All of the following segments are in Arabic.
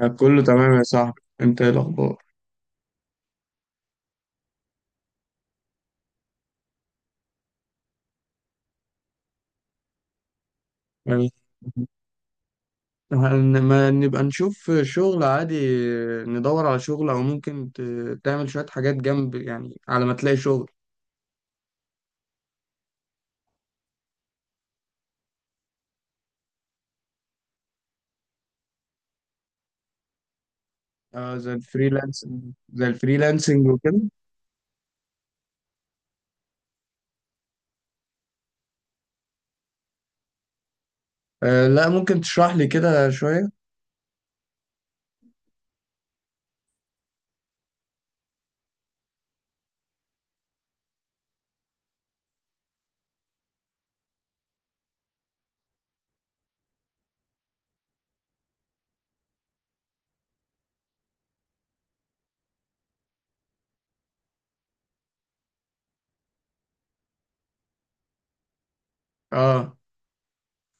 آه، كله تمام يا صاحبي. انت ايه الاخبار؟ يعني ما نبقى نشوف شغل عادي، ندور على شغل او ممكن تعمل شوية حاجات جنب يعني على ما تلاقي شغل. آه، زي الفريلانسنج. زي الفريلانسنج وكده. آه، لا، ممكن تشرح لي كده شوية. اه،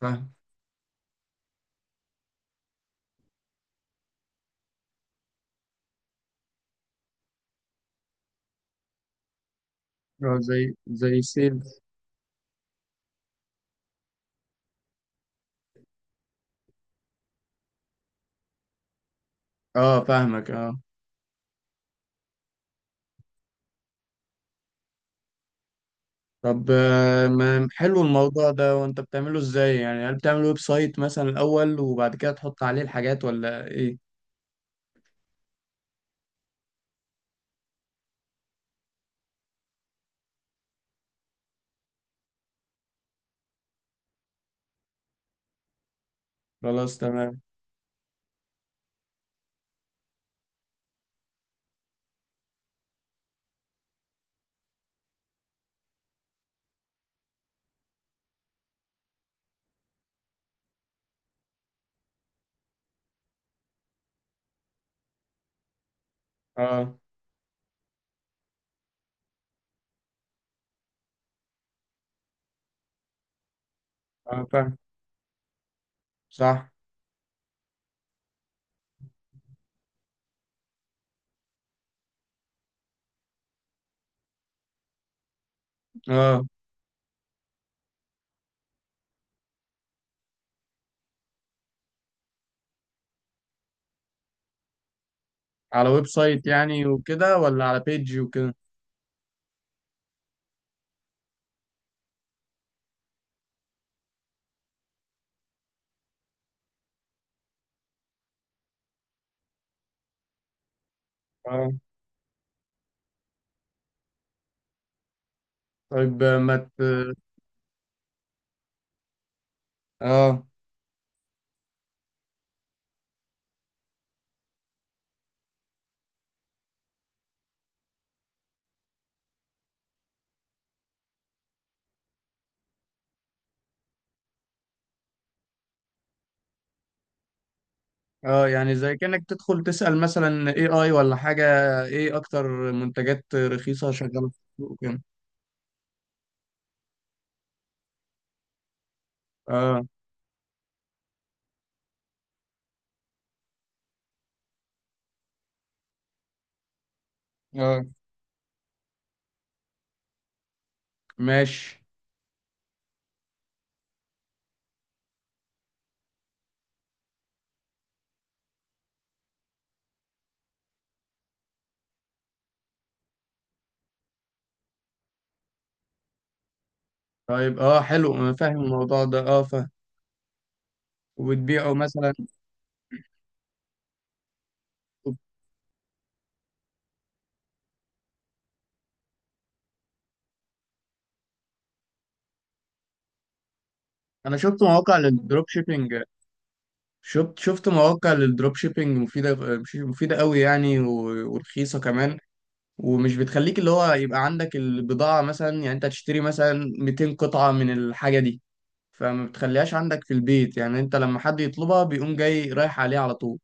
فاهم. اه، زي سيلز. اه، فاهمك، اه. طب ما حلو الموضوع ده. وانت بتعمله ازاي يعني؟ هل بتعمل ويب سايت مثلا الاول وبعد كده تحط عليه الحاجات ولا ايه؟ خلاص تمام. اه. اه، فاهم. صح. اه. على ويب سايت يعني وكده، ولا على بيج وكده؟ اه. طيب آه، ما ت... اه. اه، يعني زي كأنك تدخل تسأل مثلا اي اي ولا حاجة. ايه اكتر منتجات رخيصة شغالة في السوق وكده. اه. اه، ماشي. طيب، اه، حلو، انا فاهم الموضوع ده. اه، فاهم. وبتبيعه مثلا. انا شفت مواقع للدروب شيبينج. شفت مواقع للدروب شيبينج مفيدة. مفيدة قوي يعني ورخيصة كمان، ومش بتخليك اللي هو يبقى عندك البضاعة مثلا. يعني انت تشتري مثلا 200 قطعة من الحاجة دي، فما بتخليهاش عندك في البيت. يعني انت لما حد يطلبها بيقوم جاي رايح عليه على طول.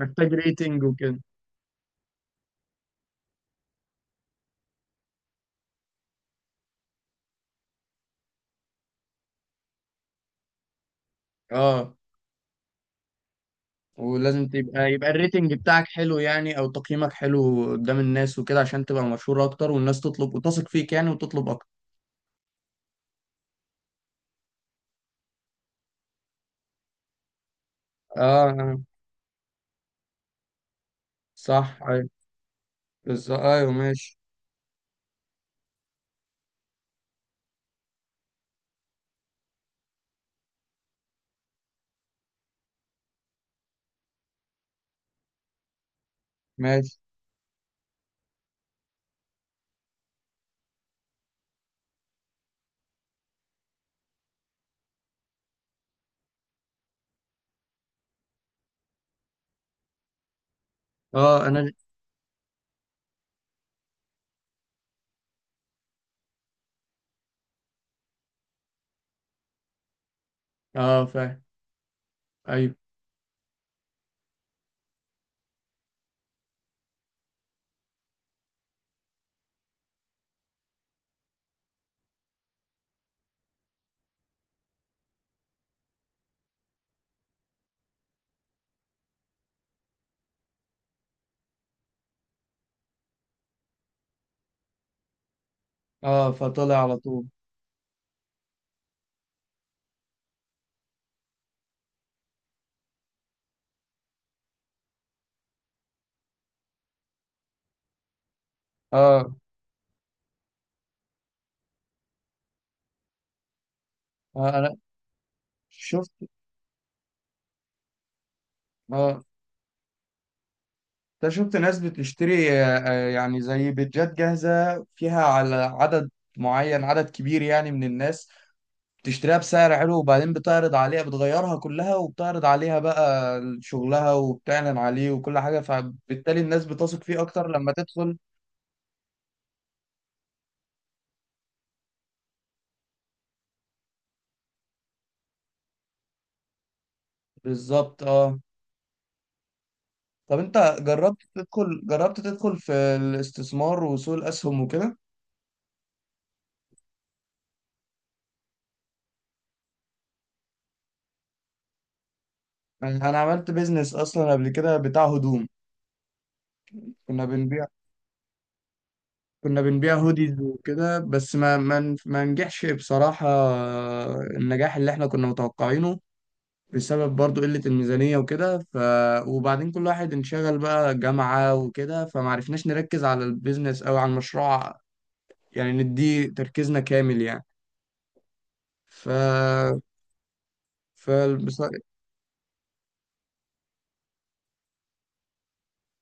محتاج ريتنج وكده. اه. ولازم تبقى، يبقى الريتنج بتاعك حلو يعني، او تقييمك حلو قدام الناس وكده، عشان تبقى مشهور اكتر والناس تطلب وتثق فيك يعني وتطلب اكتر. اه. آه، صح، ايوه. بالظبط، ايوه، ماشي. ماشي. اه. انا اه، فاهم. ايوه. اه، فطلع على طول. اه، انا شفت. اه، انت شفت ناس بتشتري يعني زي بيتجات جاهزة فيها على عدد معين، عدد كبير يعني من الناس، بتشتريها بسعر حلو، وبعدين بتعرض عليها، بتغيرها كلها وبتعرض عليها بقى شغلها وبتعلن عليه، وكل حاجة. فبالتالي الناس بتثق فيه أكتر لما تدخل. بالظبط، اه. طب انت جربت تدخل، في الاستثمار وسوق الأسهم وكده؟ يعني أنا عملت بيزنس أصلا قبل كده بتاع هدوم. كنا بنبيع كنا بنبيع هوديز وكده، بس ما نجحش بصراحة النجاح اللي احنا كنا متوقعينه، بسبب برضو قلة الميزانية وكده. ف، وبعدين كل واحد انشغل بقى جامعة وكده، فمعرفناش نركز على البيزنس أو على المشروع، يعني نديه تركيزنا كامل يعني. ف. ف. بص-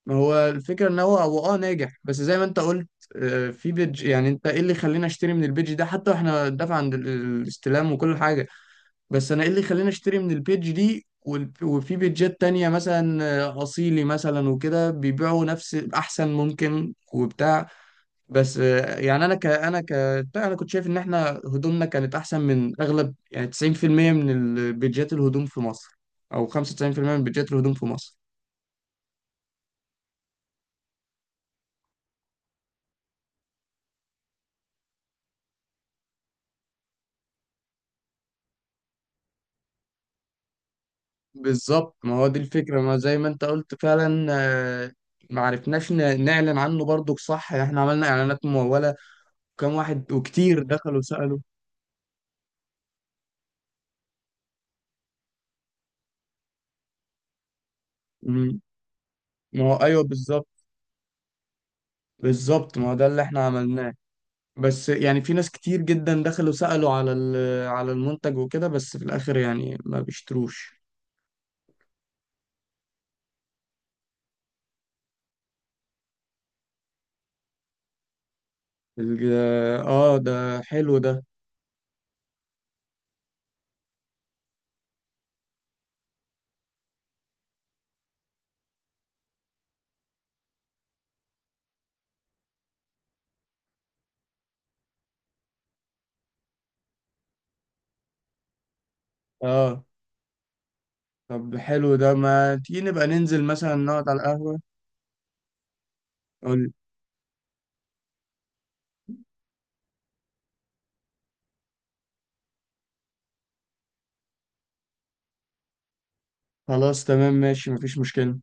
ما هو الفكرة ان هو اه ناجح، بس زي ما انت قلت، في بيج. يعني انت ايه اللي خلينا اشتري من البيج ده حتى واحنا دافع عند الاستلام وكل حاجة؟ بس انا ايه اللي خلاني اشتري من البيج دي؟ وفي بيجات تانية مثلا آه، اصيلي مثلا وكده بيبيعوا نفس احسن ممكن وبتاع. بس آه، يعني انا ك انا ك بتاع، انا كنت شايف ان احنا هدومنا كانت احسن من اغلب، يعني 90% من البيجات الهدوم في مصر، او 95% من بيجات الهدوم في مصر. بالظبط، ما هو دي الفكرة، ما زي ما انت قلت فعلا. آه، ما عرفناش نعلن عنه برضو صح. احنا عملنا اعلانات ممولة، وكم واحد وكتير دخلوا سألوا. ما هو ايوه، بالظبط. بالظبط، ما هو ده اللي احنا عملناه. بس يعني في ناس كتير جدا دخلوا سألوا على على المنتج وكده، بس في الاخر يعني ما بيشتروش. ال-. اه، ده حلو ده. اه، طب حلو ده، ما تيجي نبقى ننزل مثلا نقعد على القهوة؟ قول. خلاص تمام، ماشي، مفيش مشكلة.